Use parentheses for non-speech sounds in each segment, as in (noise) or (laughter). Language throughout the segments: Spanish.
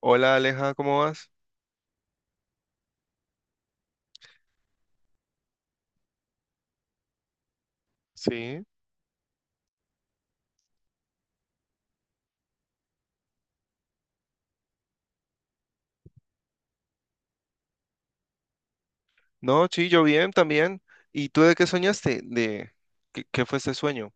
Hola, Aleja, ¿cómo vas? Sí. No, sí, yo bien también. ¿Y tú de qué soñaste? ¿De qué fue ese sueño?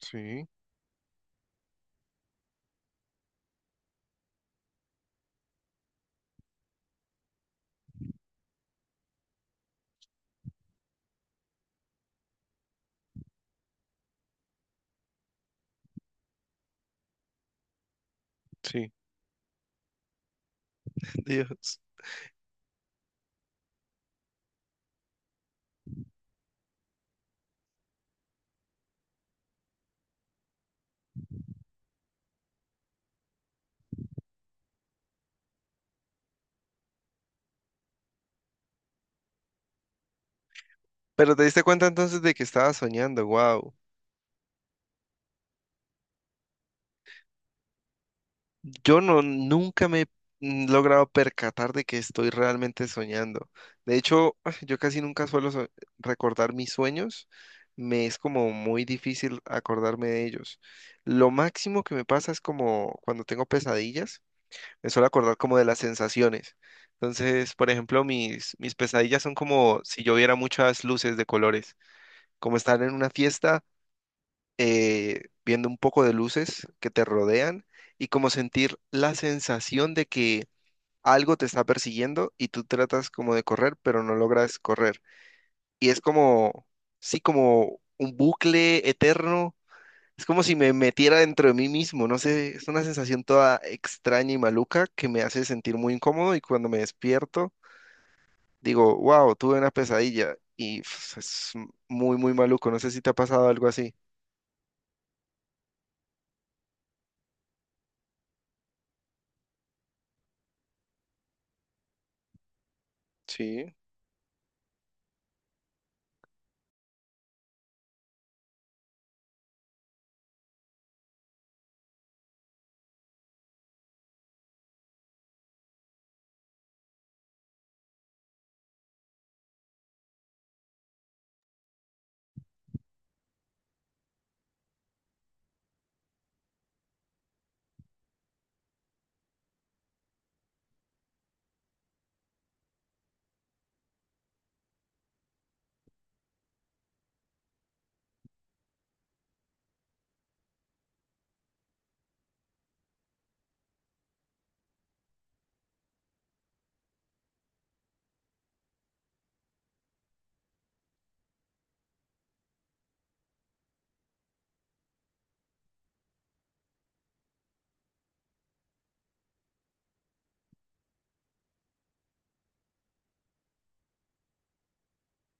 Sí, sí. (laughs) Dios. Pero te diste cuenta entonces de que estabas soñando, wow. Yo no, nunca me he logrado percatar de que estoy realmente soñando. De hecho, (sighs) (laughs) yo casi nunca suelo recordar mis sueños. Me es como muy difícil acordarme de ellos. Lo máximo que me pasa es como cuando tengo pesadillas. Es solo acordar como de las sensaciones. Entonces, por ejemplo, mis pesadillas son como si yo viera muchas luces de colores, como estar en una fiesta, viendo un poco de luces que te rodean y como sentir la sensación de que algo te está persiguiendo y tú tratas como de correr, pero no logras correr. Y es como, sí, como un bucle eterno, es como si me metiera dentro de mí mismo, no sé, es una sensación toda extraña y maluca que me hace sentir muy incómodo, y cuando me despierto digo, wow, tuve una pesadilla, y pues, es muy, muy maluco, no sé si te ha pasado algo así. Sí.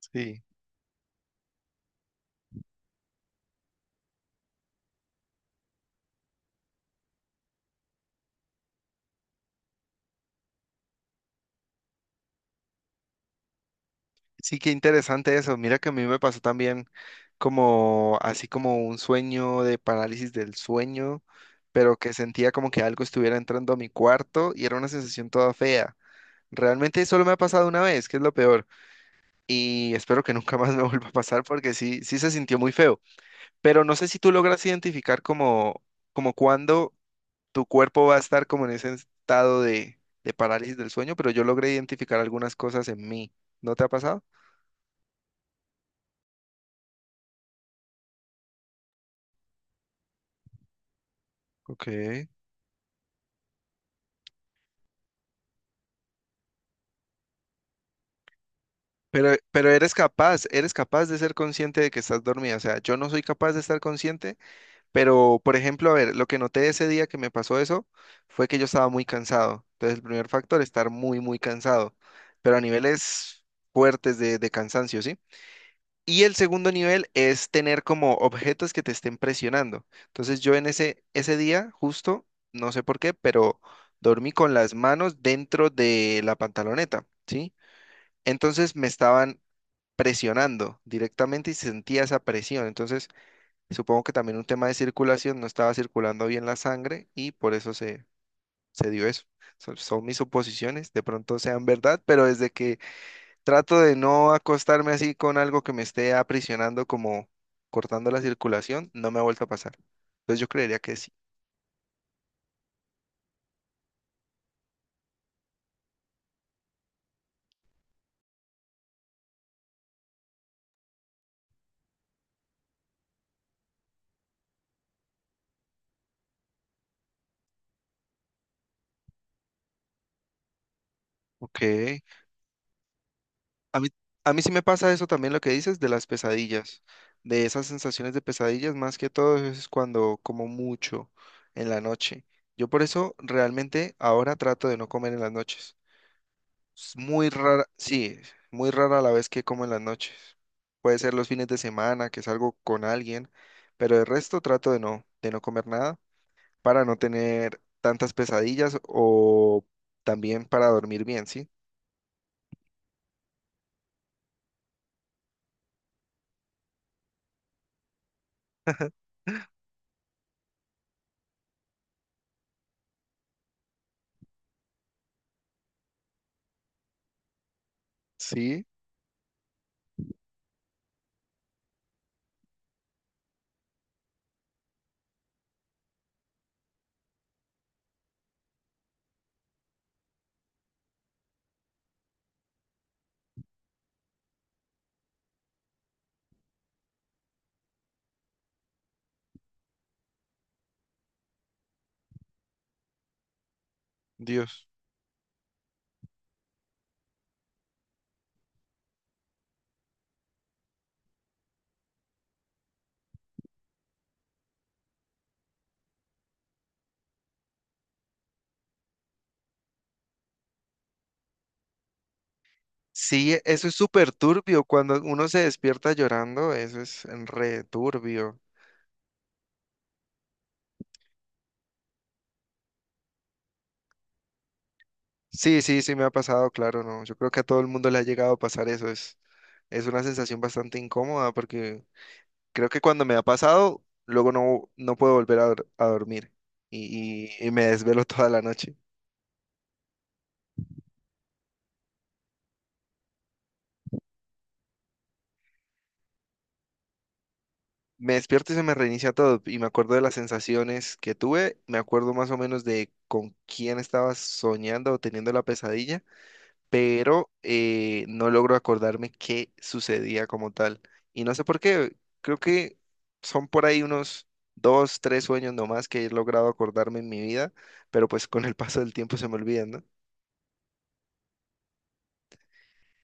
Sí, sí, qué interesante eso. Mira que a mí me pasó también como así como un sueño de parálisis del sueño, pero que sentía como que algo estuviera entrando a mi cuarto y era una sensación toda fea. Realmente solo me ha pasado una vez, que es lo peor, y espero que nunca más me (laughs) vuelva a pasar, porque sí, sí se sintió muy feo. Pero no sé si tú logras identificar como, como cuándo tu cuerpo va a estar como en ese estado de parálisis del sueño, pero yo logré identificar algunas cosas en mí. ¿No te ha pasado? Ok. Pero eres capaz de ser consciente de que estás dormida. O sea, yo no soy capaz de estar consciente. Pero, por ejemplo, a ver, lo que noté ese día que me pasó eso fue que yo estaba muy cansado. Entonces, el primer factor, estar muy, muy cansado, pero a niveles fuertes de cansancio, ¿sí? Y el segundo nivel es tener como objetos que te estén presionando. Entonces, yo en ese día, justo, no sé por qué, pero dormí con las manos dentro de la pantaloneta, ¿sí? Entonces, me estaban presionando directamente y sentía esa presión. Entonces, supongo que también un tema de circulación, no estaba circulando bien la sangre y por eso se, se dio eso. Son mis suposiciones, de pronto sean verdad, pero desde que trato de no acostarme así con algo que me esté aprisionando como cortando la circulación, no me ha vuelto a pasar. Entonces yo creería que sí. Ok. A mí, a mí sí me pasa eso también lo que dices de las pesadillas, de esas sensaciones de pesadillas, más que todo es cuando como mucho en la noche. Yo por eso realmente ahora trato de no comer en las noches. Es muy rara, sí, muy rara la vez que como en las noches. Puede ser los fines de semana, que salgo con alguien, pero el resto trato de no comer nada para no tener tantas pesadillas o también para dormir bien, ¿sí? Sí, Dios. Sí, eso es súper turbio. Cuando uno se despierta llorando, eso es re turbio. Sí, sí, sí me ha pasado, claro, no. Yo creo que a todo el mundo le ha llegado a pasar eso. Es una sensación bastante incómoda porque creo que cuando me ha pasado, luego no, no puedo volver a, a dormir, y me desvelo (laughs) toda la noche. Me despierto y se me reinicia todo y me acuerdo de las sensaciones que tuve, me acuerdo más o menos de con quién estaba soñando o teniendo la pesadilla, pero no logro acordarme qué sucedía como tal. Y no sé por qué, creo que son por ahí unos dos, tres sueños nomás que he logrado acordarme en mi vida, pero pues con el paso del tiempo se me olvidan, ¿no?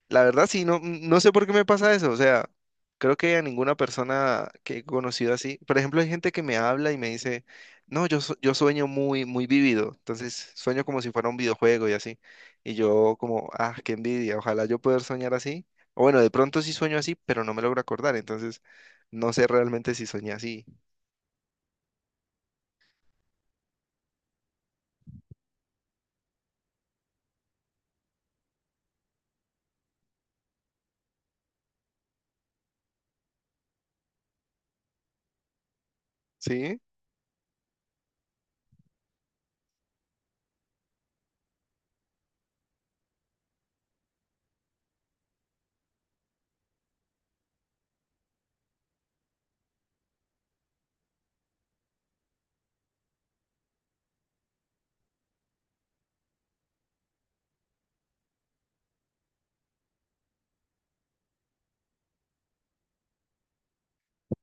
La verdad, sí, no, no sé por qué me pasa eso. O sea, creo que a ninguna persona que he conocido así. Por ejemplo, hay gente que me habla y me dice, no, yo, yo sueño muy, muy vívido. Entonces, sueño como si fuera un videojuego y así. Y yo como, ah, qué envidia. Ojalá yo poder soñar así. O bueno, de pronto sí sueño así, pero no me logro acordar. Entonces, no sé realmente si soñé así. ¿Sí?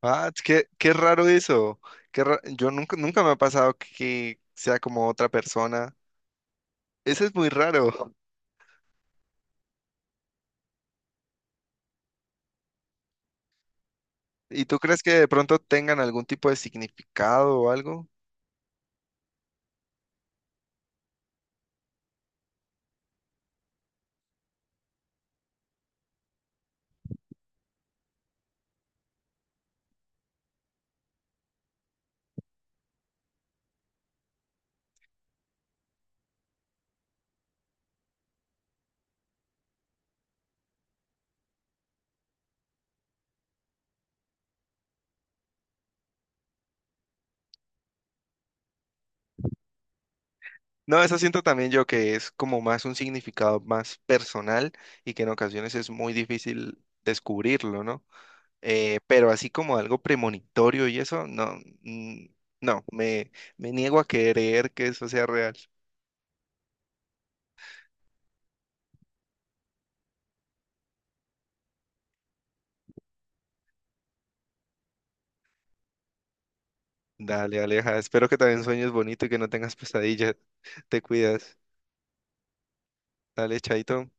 Ah, es qué raro eso. Yo nunca, nunca me ha pasado que sea como otra persona. Eso es muy raro. ¿Y tú crees que de pronto tengan algún tipo de significado o algo? No, eso siento también yo que es como más un significado más personal y que en ocasiones es muy difícil descubrirlo, ¿no? Pero así como algo premonitorio y eso, no, mm, no, me niego a creer que eso sea real. Dale, Aleja, espero que también sueñes bonito y que no tengas pesadillas. (laughs) Te cuidas. Dale, chaito.